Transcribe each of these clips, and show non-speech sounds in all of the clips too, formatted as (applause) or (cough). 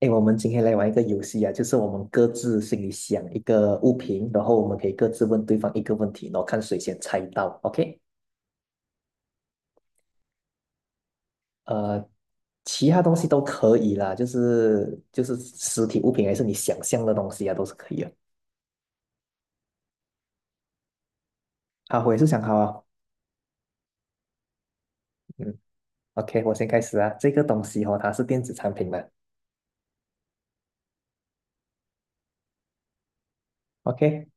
哎，我们今天来玩一个游戏啊，就是我们各自心里想一个物品，然后我们可以各自问对方一个问题，然后看谁先猜到。OK，呃，其他东西都可以啦，就是实体物品还是你想象的东西啊，都是可以的。好，我也是想好啊。嗯，OK，我先开始啊。这个东西哦，它是电子产品嘛。OK，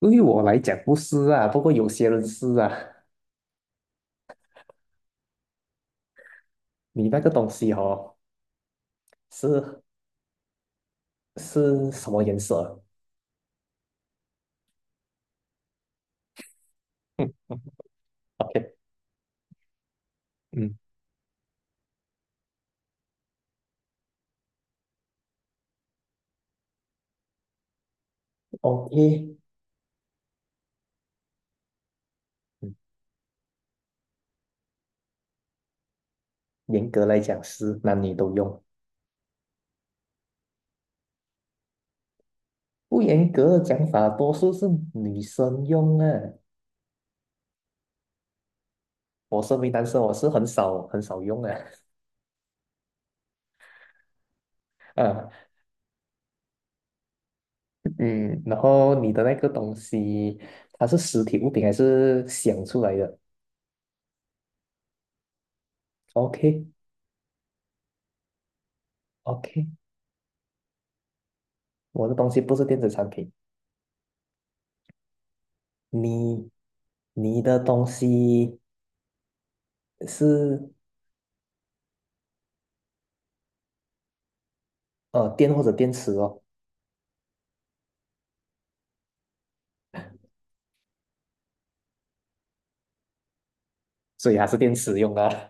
对于我来讲不是啊，不过有些人是啊。你那个东西哦，是是什么颜色？嗯，OK，嗯，OK。嗯严格来讲是男女都用，不严格的讲法，多数是女生用啊。我身为男生，我是很少用啊，(laughs) 啊，嗯，然后你的那个东西，它是实体物品还是想出来的？OK OK,我的东西不是电子产品，你你的东西是电或者电池哦，所以还是电池用的啊，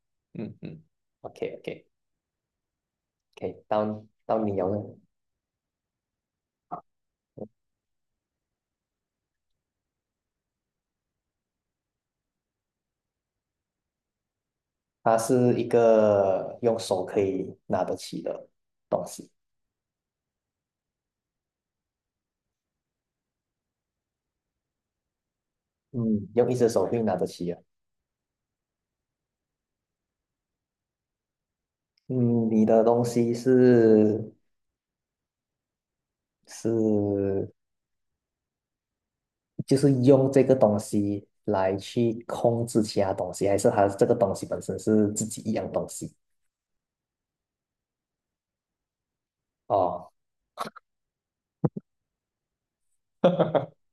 (laughs) 嗯嗯，OK OK，到你用了。它是一个用手可以拿得起的东西，嗯，用一只手可以拿得起啊。嗯，你的东西是就是用这个东西来去控制其他东西，还是它这个东西本身是自己一样东西？哦，(laughs)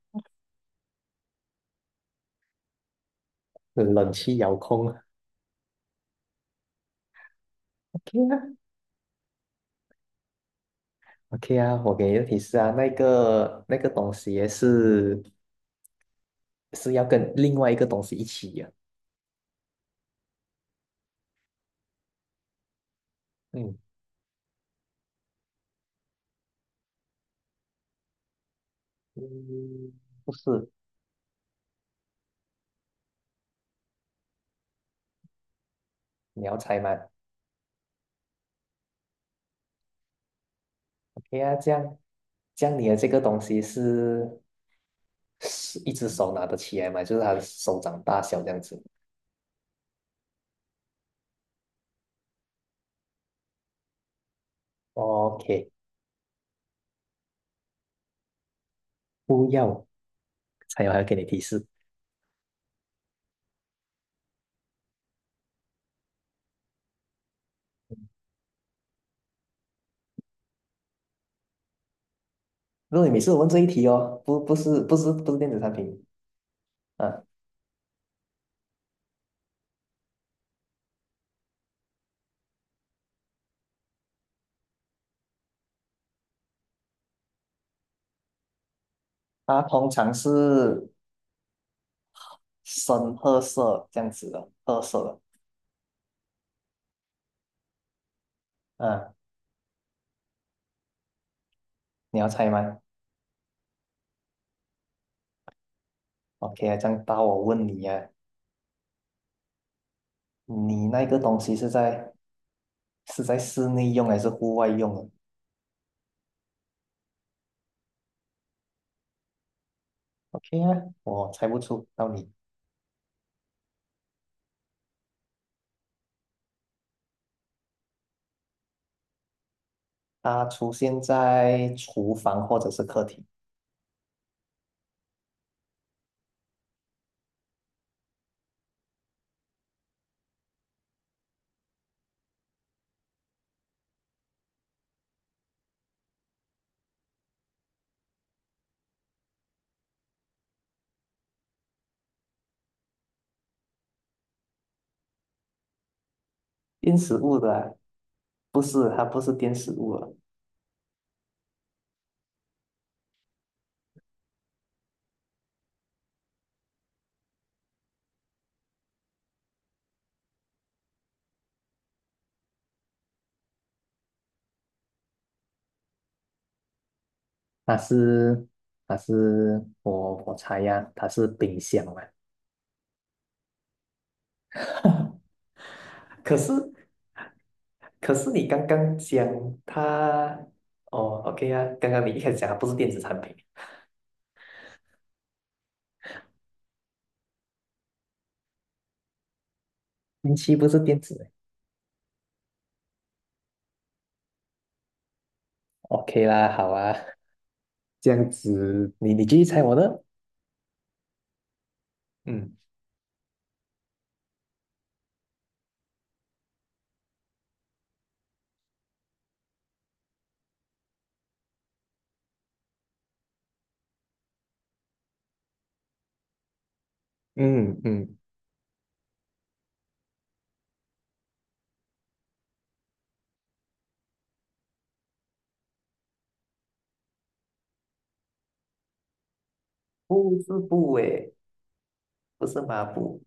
冷气遥控，OK 啊，OK 啊，我给你个提示啊，那个东西也是是要跟另外一个东西一起呀。嗯，嗯，不是，你要猜吗？OK 啊，这样，这样你的这个东西是一只手拿得起来吗？就是它的手掌大小这样子。OK，不要，还有还要给你提示。如果你每次问这一题哦，不是不是电子产品，嗯、它通常是深褐色这样子的，褐色的。嗯、你要猜吗？OK 啊，这样到我问你啊，你那个东西是在是在室内用还是户外用啊？OK 啊，我猜不出，到你。它出现在厨房或者是客厅，电食物的啊不是，它不是电食物了，它是我猜呀，它是冰箱啊。可是可是你刚刚讲它，哦，OK 啊，刚刚你一开始讲它不是电子产品，电器不是电子？OK 啦，好啊，这样子你继续猜我的。嗯嗯嗯，不是布诶，不是抹布，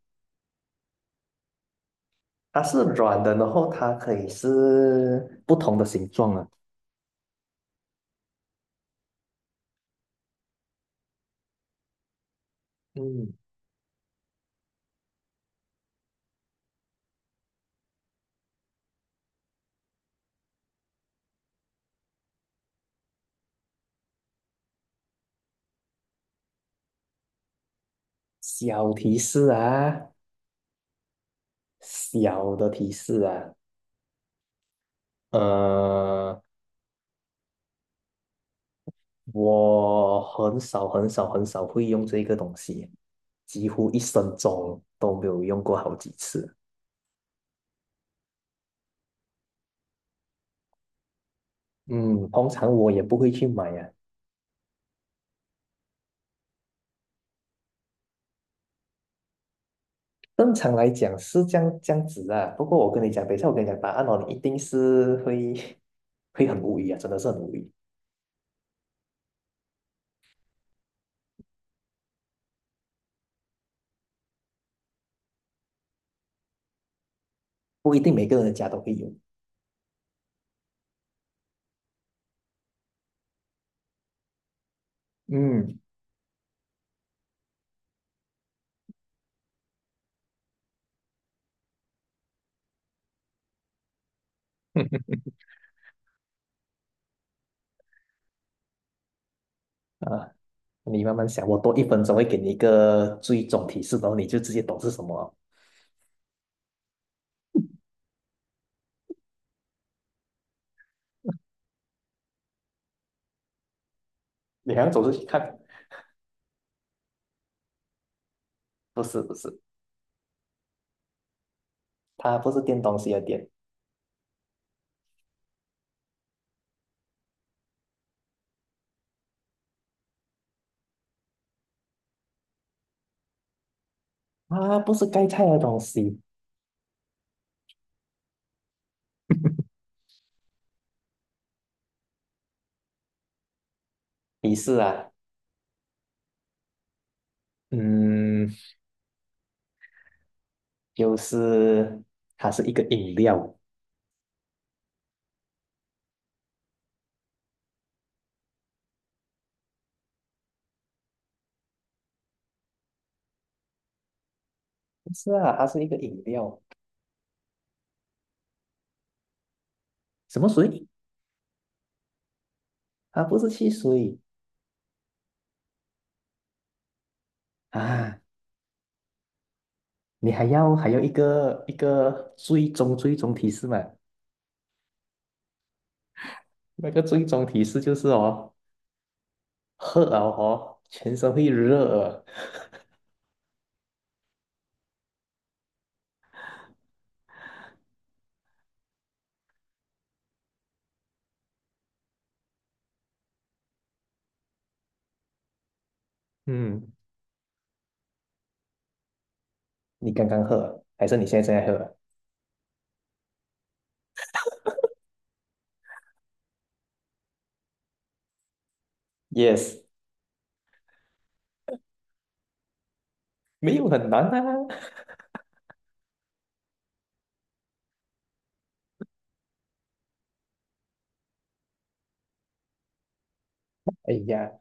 它是软的，然后它可以是不同的形状啊。嗯，小提示啊，小的提示啊，呃，我很少会用这个东西，几乎一生中都没有用过好几次。嗯，通常我也不会去买呀、啊正常来讲是这样子啊，不过我跟你讲，等一下我跟你讲答案哦，你一定是会 (laughs) 会很无语啊，真的是很无语，不一定每个人的家都会有。嗯，(laughs) 啊，你慢慢想，我多1分钟会给你一个最终提示，然后你就直接懂是什么了你还要走出去看，不是不是，它不是电东西的电，它不是盖菜的东西。提示啊，嗯，就是它是一个饮料，不是啊，它是一个饮料，什么水？它不是汽水啊。你还要还要一个一个最终提示嘛？那个最终提示就是哦，喝了哦，全身会热啊。嗯，你刚刚喝啊，还是你现在正在喝 yes 没有很难啊。哎呀，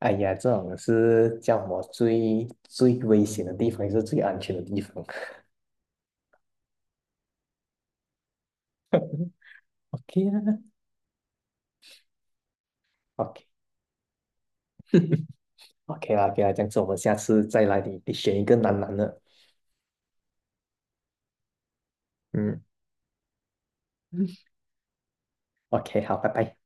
哎呀，这种是叫我最危险的地方，也是最安全的地方。(laughs) OK 啊，OK，OK 啦，OK 啦，这样子我们下次再来你，你选一个难难的。嗯嗯，，OK，好，拜拜。